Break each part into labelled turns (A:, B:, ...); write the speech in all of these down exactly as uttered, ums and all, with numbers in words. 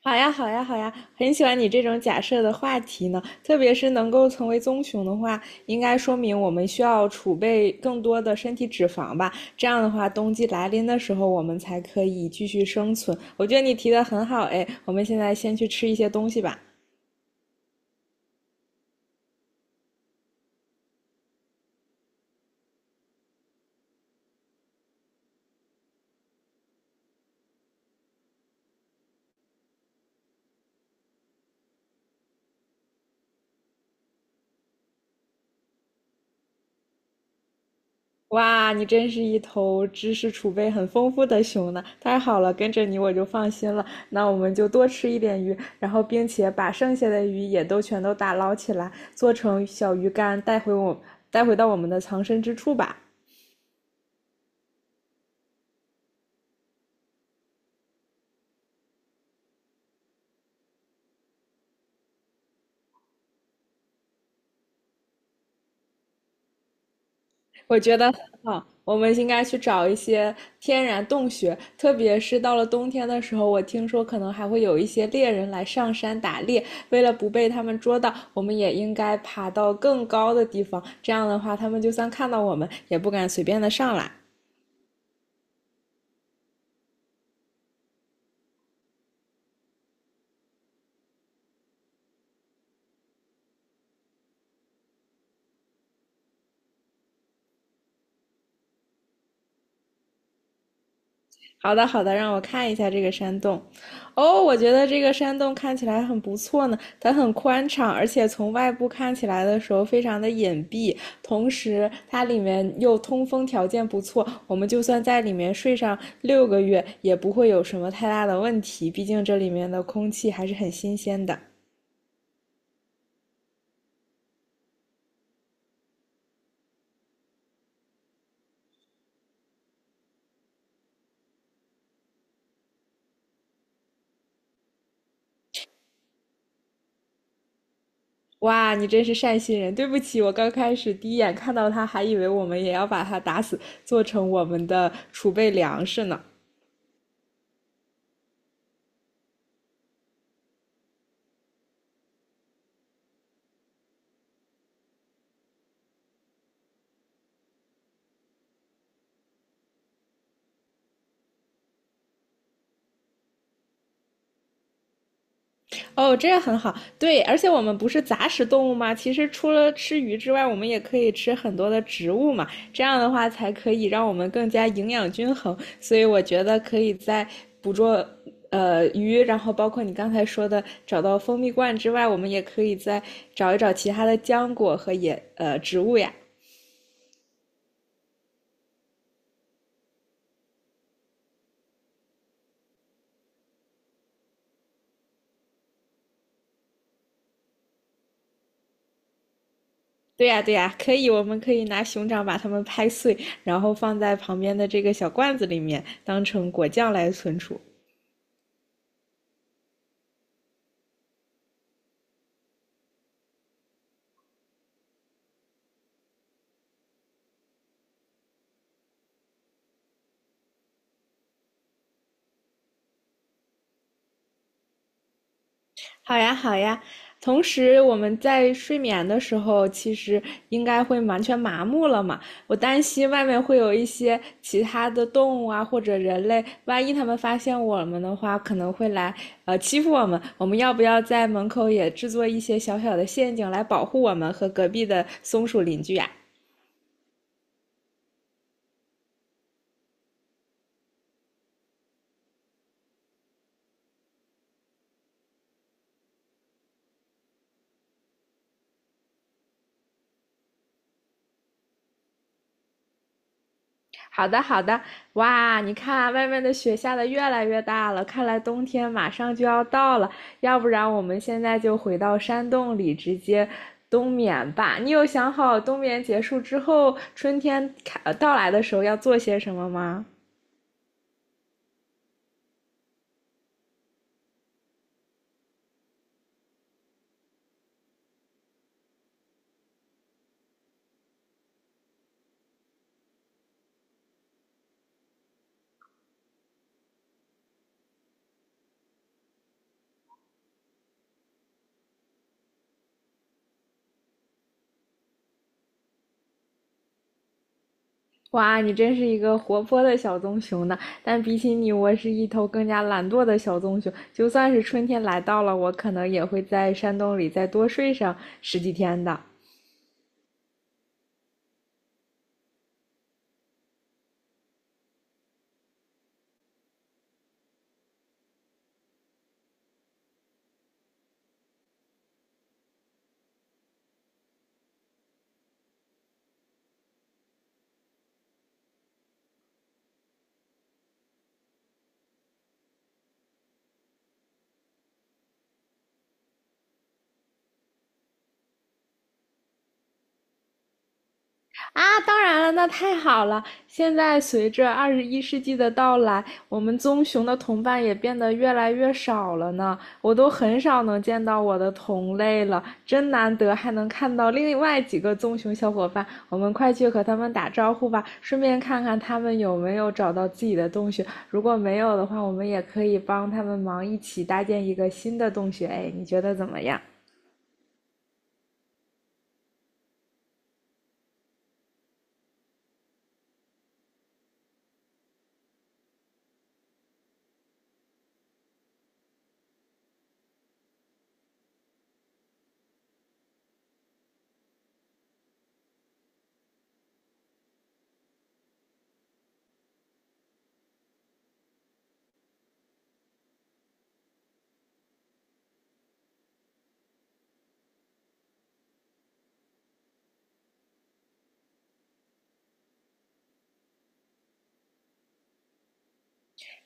A: 好呀，好呀，好呀，很喜欢你这种假设的话题呢，特别是能够成为棕熊的话，应该说明我们需要储备更多的身体脂肪吧，这样的话，冬季来临的时候，我们才可以继续生存。我觉得你提的很好，哎，我们现在先去吃一些东西吧。哇，你真是一头知识储备很丰富的熊呢！太好了，跟着你我就放心了。那我们就多吃一点鱼，然后并且把剩下的鱼也都全都打捞起来，做成小鱼干，带回我，带回到我们的藏身之处吧。我觉得很好，我们应该去找一些天然洞穴，特别是到了冬天的时候，我听说可能还会有一些猎人来上山打猎。为了不被他们捉到，我们也应该爬到更高的地方，这样的话，他们就算看到我们，也不敢随便的上来。好的，好的，让我看一下这个山洞。哦，我觉得这个山洞看起来很不错呢，它很宽敞，而且从外部看起来的时候非常的隐蔽，同时它里面又通风条件不错，我们就算在里面睡上六个月也不会有什么太大的问题，毕竟这里面的空气还是很新鲜的。哇，你真是善心人！对不起，我刚开始第一眼看到它，还以为我们也要把它打死，做成我们的储备粮食呢。哦，这样很好。对，而且我们不是杂食动物吗？其实除了吃鱼之外，我们也可以吃很多的植物嘛。这样的话才可以让我们更加营养均衡。所以我觉得可以在捕捉呃鱼，然后包括你刚才说的找到蜂蜜罐之外，我们也可以再找一找其他的浆果和野呃植物呀。对呀，对呀，可以，我们可以拿熊掌把它们拍碎，然后放在旁边的这个小罐子里面，当成果酱来存储。好呀，好呀。同时，我们在睡眠的时候，其实应该会完全麻木了嘛。我担心外面会有一些其他的动物啊，或者人类，万一他们发现我们的话，可能会来呃欺负我们。我们要不要在门口也制作一些小小的陷阱来保护我们和隔壁的松鼠邻居呀、好的，好的。哇，你看外面的雪下的越来越大了，看来冬天马上就要到了。要不然我们现在就回到山洞里直接冬眠吧。你有想好冬眠结束之后，春天开呃到来的时候要做些什么吗？哇，你真是一个活泼的小棕熊呢！但比起你，我是一头更加懒惰的小棕熊。就算是春天来到了，我可能也会在山洞里再多睡上十几天的。啊，当然了，那太好了。现在随着二十一世纪的到来，我们棕熊的同伴也变得越来越少了呢。我都很少能见到我的同类了，真难得还能看到另外几个棕熊小伙伴。我们快去和他们打招呼吧，顺便看看他们有没有找到自己的洞穴。如果没有的话，我们也可以帮他们忙，一起搭建一个新的洞穴。哎，你觉得怎么样？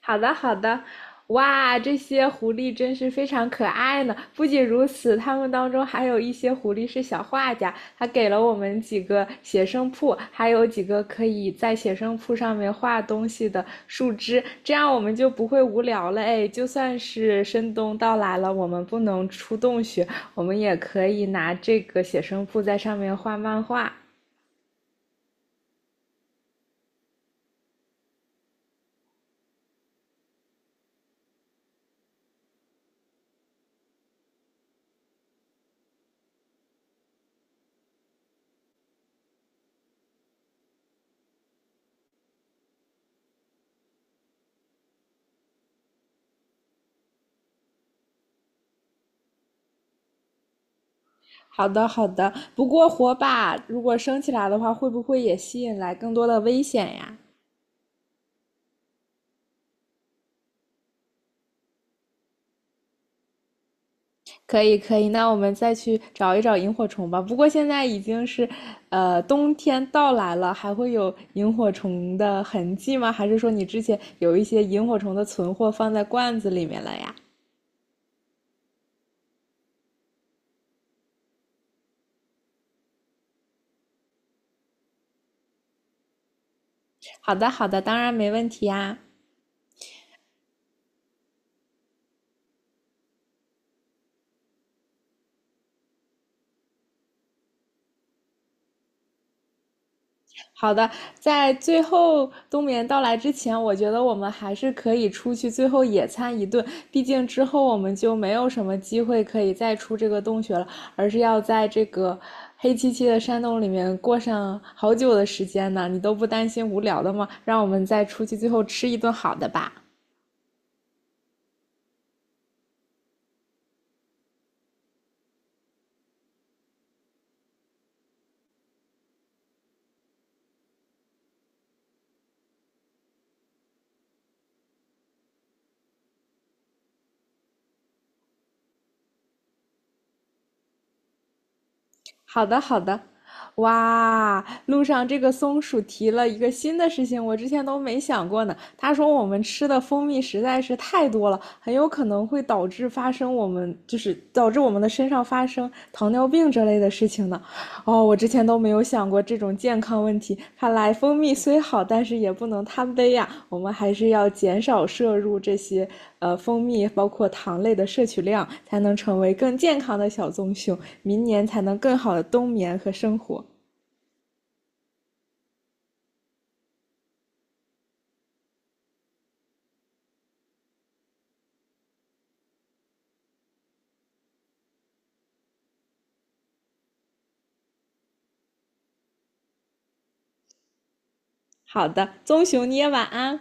A: 好的，好的。哇，这些狐狸真是非常可爱呢！不仅如此，它们当中还有一些狐狸是小画家，他给了我们几个写生铺，还有几个可以在写生铺上面画东西的树枝，这样我们就不会无聊了。哎，就算是深冬到来了，我们不能出洞穴，我们也可以拿这个写生铺在上面画漫画。好的，好的。不过火把如果升起来的话，会不会也吸引来更多的危险呀？可以，可以。那我们再去找一找萤火虫吧。不过现在已经是，呃，冬天到来了，还会有萤火虫的痕迹吗？还是说你之前有一些萤火虫的存货放在罐子里面了呀？好的，好的，当然没问题呀。好的，在最后冬眠到来之前，我觉得我们还是可以出去最后野餐一顿。毕竟之后我们就没有什么机会可以再出这个洞穴了，而是要在这个黑漆漆的山洞里面过上好久的时间呢。你都不担心无聊的吗？让我们再出去最后吃一顿好的吧。好的，好的。哇，路上这个松鼠提了一个新的事情，我之前都没想过呢。他说我们吃的蜂蜜实在是太多了，很有可能会导致发生我们就是导致我们的身上发生糖尿病这类的事情呢。哦，我之前都没有想过这种健康问题。看来蜂蜜虽好，但是也不能贪杯呀。我们还是要减少摄入这些呃蜂蜜，包括糖类的摄取量，才能成为更健康的小棕熊，明年才能更好的冬眠和生活。好的，棕熊，你也晚安。